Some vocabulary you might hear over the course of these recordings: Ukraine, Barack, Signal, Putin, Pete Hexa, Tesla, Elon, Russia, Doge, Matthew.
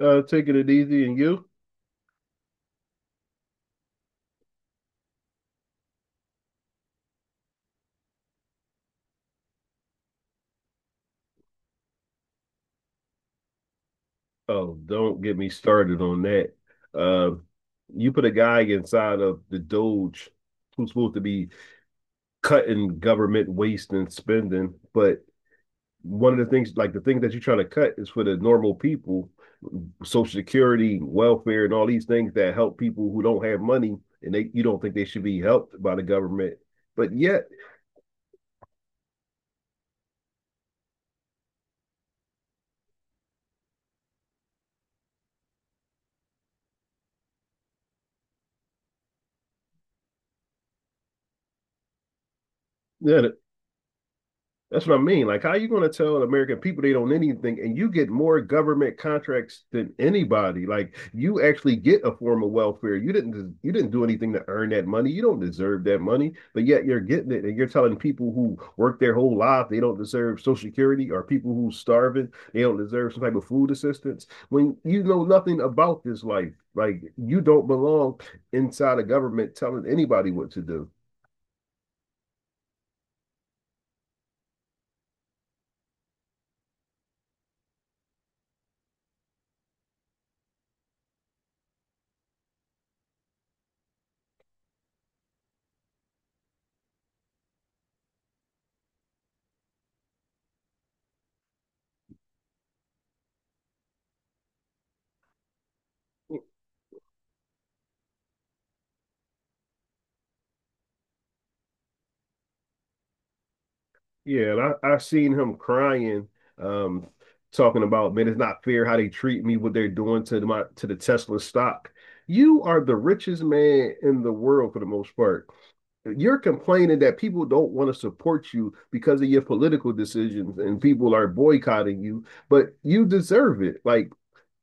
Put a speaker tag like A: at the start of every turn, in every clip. A: Taking it easy, and you? Oh, don't get me started on that. Uh, you put a guy inside of the Doge who's supposed to be cutting government waste and spending, but one of the things, like the thing that you're trying to cut, is for the normal people, Social Security, welfare, and all these things that help people who don't have money, and they you don't think they should be helped by the government, but yet, yeah, that's what I mean. Like, how are you going to tell American people they don't need anything, and you get more government contracts than anybody? Like, you actually get a form of welfare. You didn't. You didn't do anything to earn that money. You don't deserve that money, but yet you're getting it, and you're telling people who work their whole life they don't deserve Social Security, or people who starving they don't deserve some type of food assistance when you know nothing about this life. Like, you don't belong inside a government telling anybody what to do. Yeah, and I've seen him crying, um, talking about, man, it's not fair how they treat me, what they're doing to my to the Tesla stock. You are the richest man in the world for the most part. You're complaining that people don't want to support you because of your political decisions and people are boycotting you, but you deserve it. Like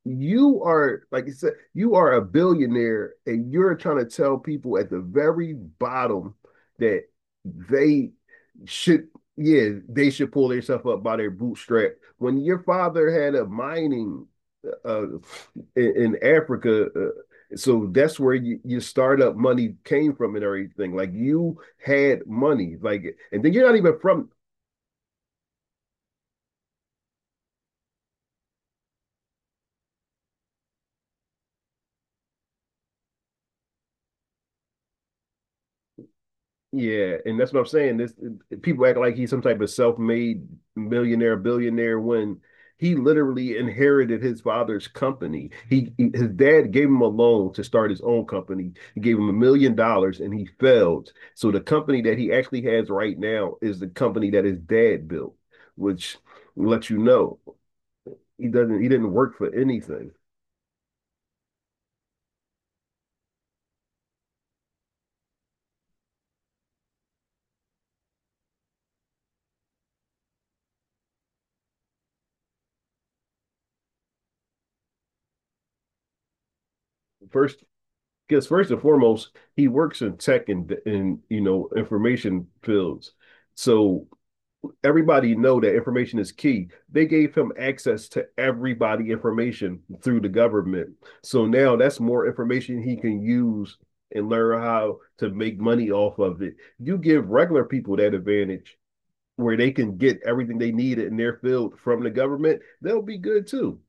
A: you are, like I said, you are a billionaire, and you're trying to tell people at the very bottom that they should, yeah, they should pull themselves up by their bootstrap. When your father had a mining uh, in Africa, so that's where you, your startup money came from and everything. Like you had money, like, and then you're not even from. Yeah, and that's what I'm saying. This people act like he's some type of self-made millionaire, billionaire when he literally inherited his father's company. He his dad gave him a loan to start his own company. He gave him $1 million and he failed. So the company that he actually has right now is the company that his dad built, which lets you know he doesn't he didn't work for anything. First, because first and foremost, he works in tech and you know information fields. So everybody know that information is key. They gave him access to everybody information through the government. So now that's more information he can use and learn how to make money off of it. You give regular people that advantage where they can get everything they need in their field from the government, they'll be good too.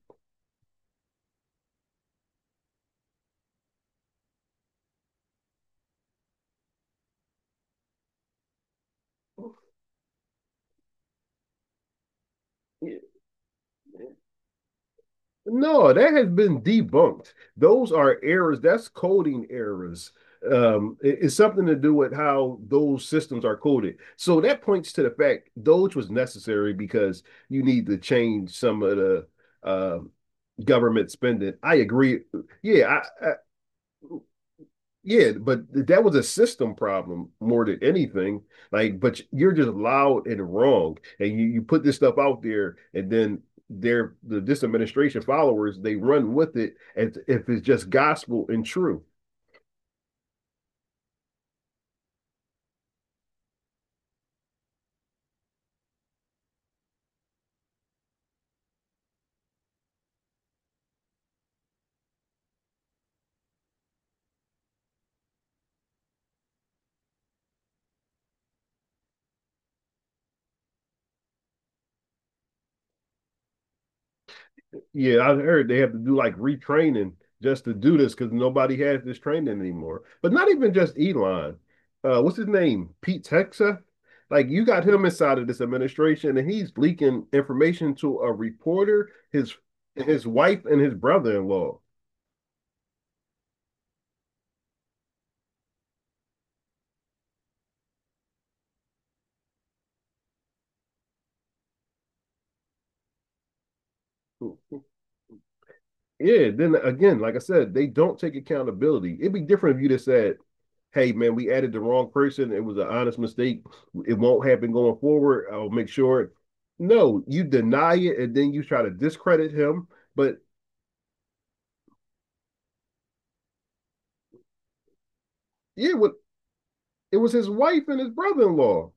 A: No, that has been debunked. Those are errors. That's coding errors. It's something to do with how those systems are coded. So that points to the fact Doge was necessary because you need to change some of the um government spending. I agree. Yeah, yeah, but that was a system problem more than anything. Like, but you're just loud and wrong, and you put this stuff out there, and then their the this administration followers they run with it, and if it's just gospel and true, yeah, I heard they have to do like retraining just to do this because nobody has this training anymore. But not even just Elon. What's his name? Pete Hexa. Like you got him inside of this administration, and he's leaking information to a reporter, his wife, and his brother-in-law. Yeah. Then again, like I said, they don't take accountability. It'd be different if you just said, hey man, we added the wrong person. It was an honest mistake. It won't happen going forward. I'll make sure. No, you deny it and then you try to discredit him. But yeah, what it was his wife and his brother-in-law.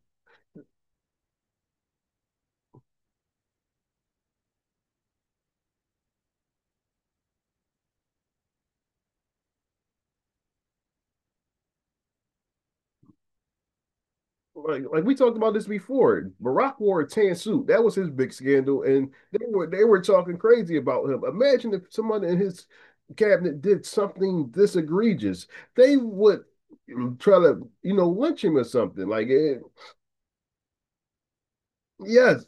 A: Like we talked about this before. Barack wore a tan suit. That was his big scandal, and they were talking crazy about him. Imagine if someone in his cabinet did something this egregious. They would try to, you know, lynch him or something. Like it, yes,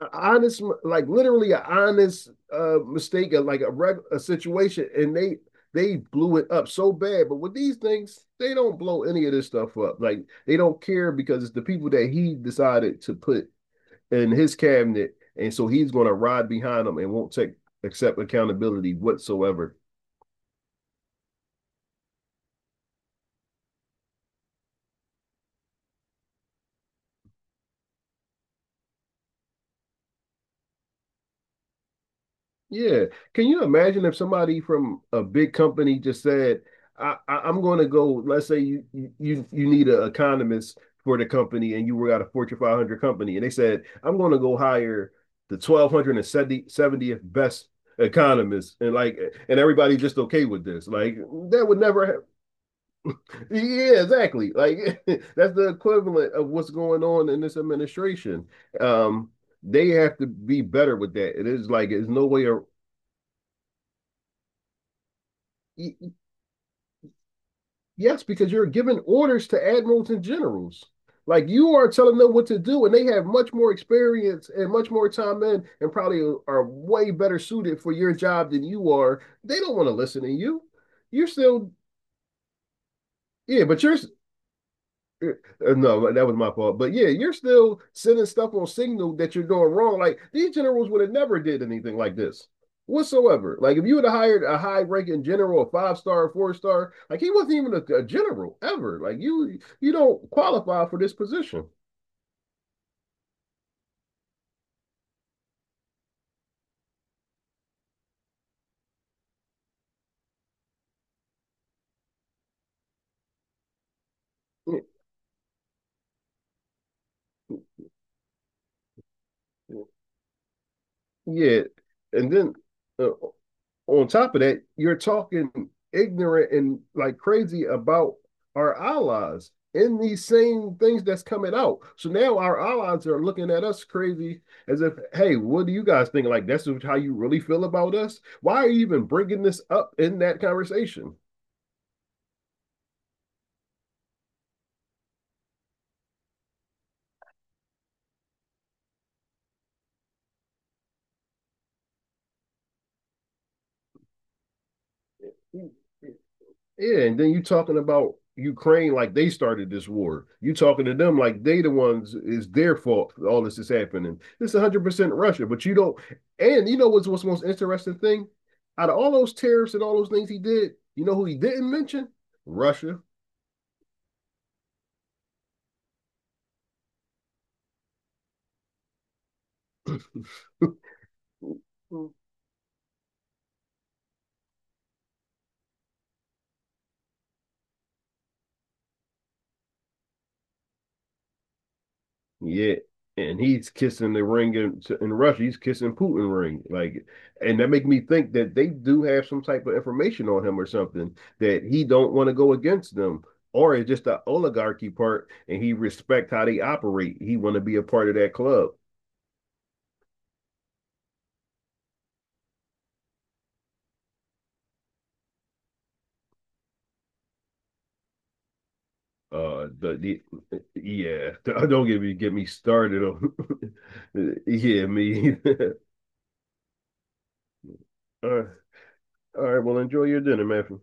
A: an honest, like literally an honest mistake, like a a situation, and they blew it up so bad. But with these things, they don't blow any of this stuff up. Like they don't care because it's the people that he decided to put in his cabinet, and so he's going to ride behind them and won't take accept accountability whatsoever. Yeah. Can you imagine if somebody from a big company just said, I'm going to go, let's say you need an economist for the company and you were at a Fortune 500 company and they said, I'm going to go hire the 1270th best economist and like, and everybody's just okay with this. Like that would never happen. Yeah, exactly. Like that's the equivalent of what's going on in this administration. Um, they have to be better with that. It is like, there's no way or. Yes, because you're giving orders to admirals and generals. Like you are telling them what to do, and they have much more experience and much more time in, and probably are way better suited for your job than you are. They don't want to listen to you. You're still, yeah, but you're uh, no, that was my fault. But yeah, you're still sending stuff on Signal that you're doing wrong. Like these generals would have never did anything like this whatsoever. Like if you would have hired a high ranking general, a five star, four-star, like he wasn't even a general ever. Like you don't qualify for this position. Yeah, and then uh, on top of that, you're talking ignorant and like crazy about our allies in these same things that's coming out. So now our allies are looking at us crazy as if, hey, what do you guys think? Like, that's how you really feel about us? Why are you even bringing this up in that conversation? Yeah, and then you talking about Ukraine like they started this war. You talking to them like they the ones is their fault all this is happening. This is 100% Russia, but you don't and you know what's the most interesting thing? Out of all those tariffs and all those things he did, you know who he didn't mention? Russia. Yeah, and he's kissing the ring in, to- in Russia. He's kissing Putin ring, like, and that make me think that they do have some type of information on him or something that he don't want to go against them, or it's just the oligarchy part, and he respect how they operate. He want to be a part of that club. The yeah, don't get me started on yeah me. Right, all right, well enjoy your dinner, Matthew.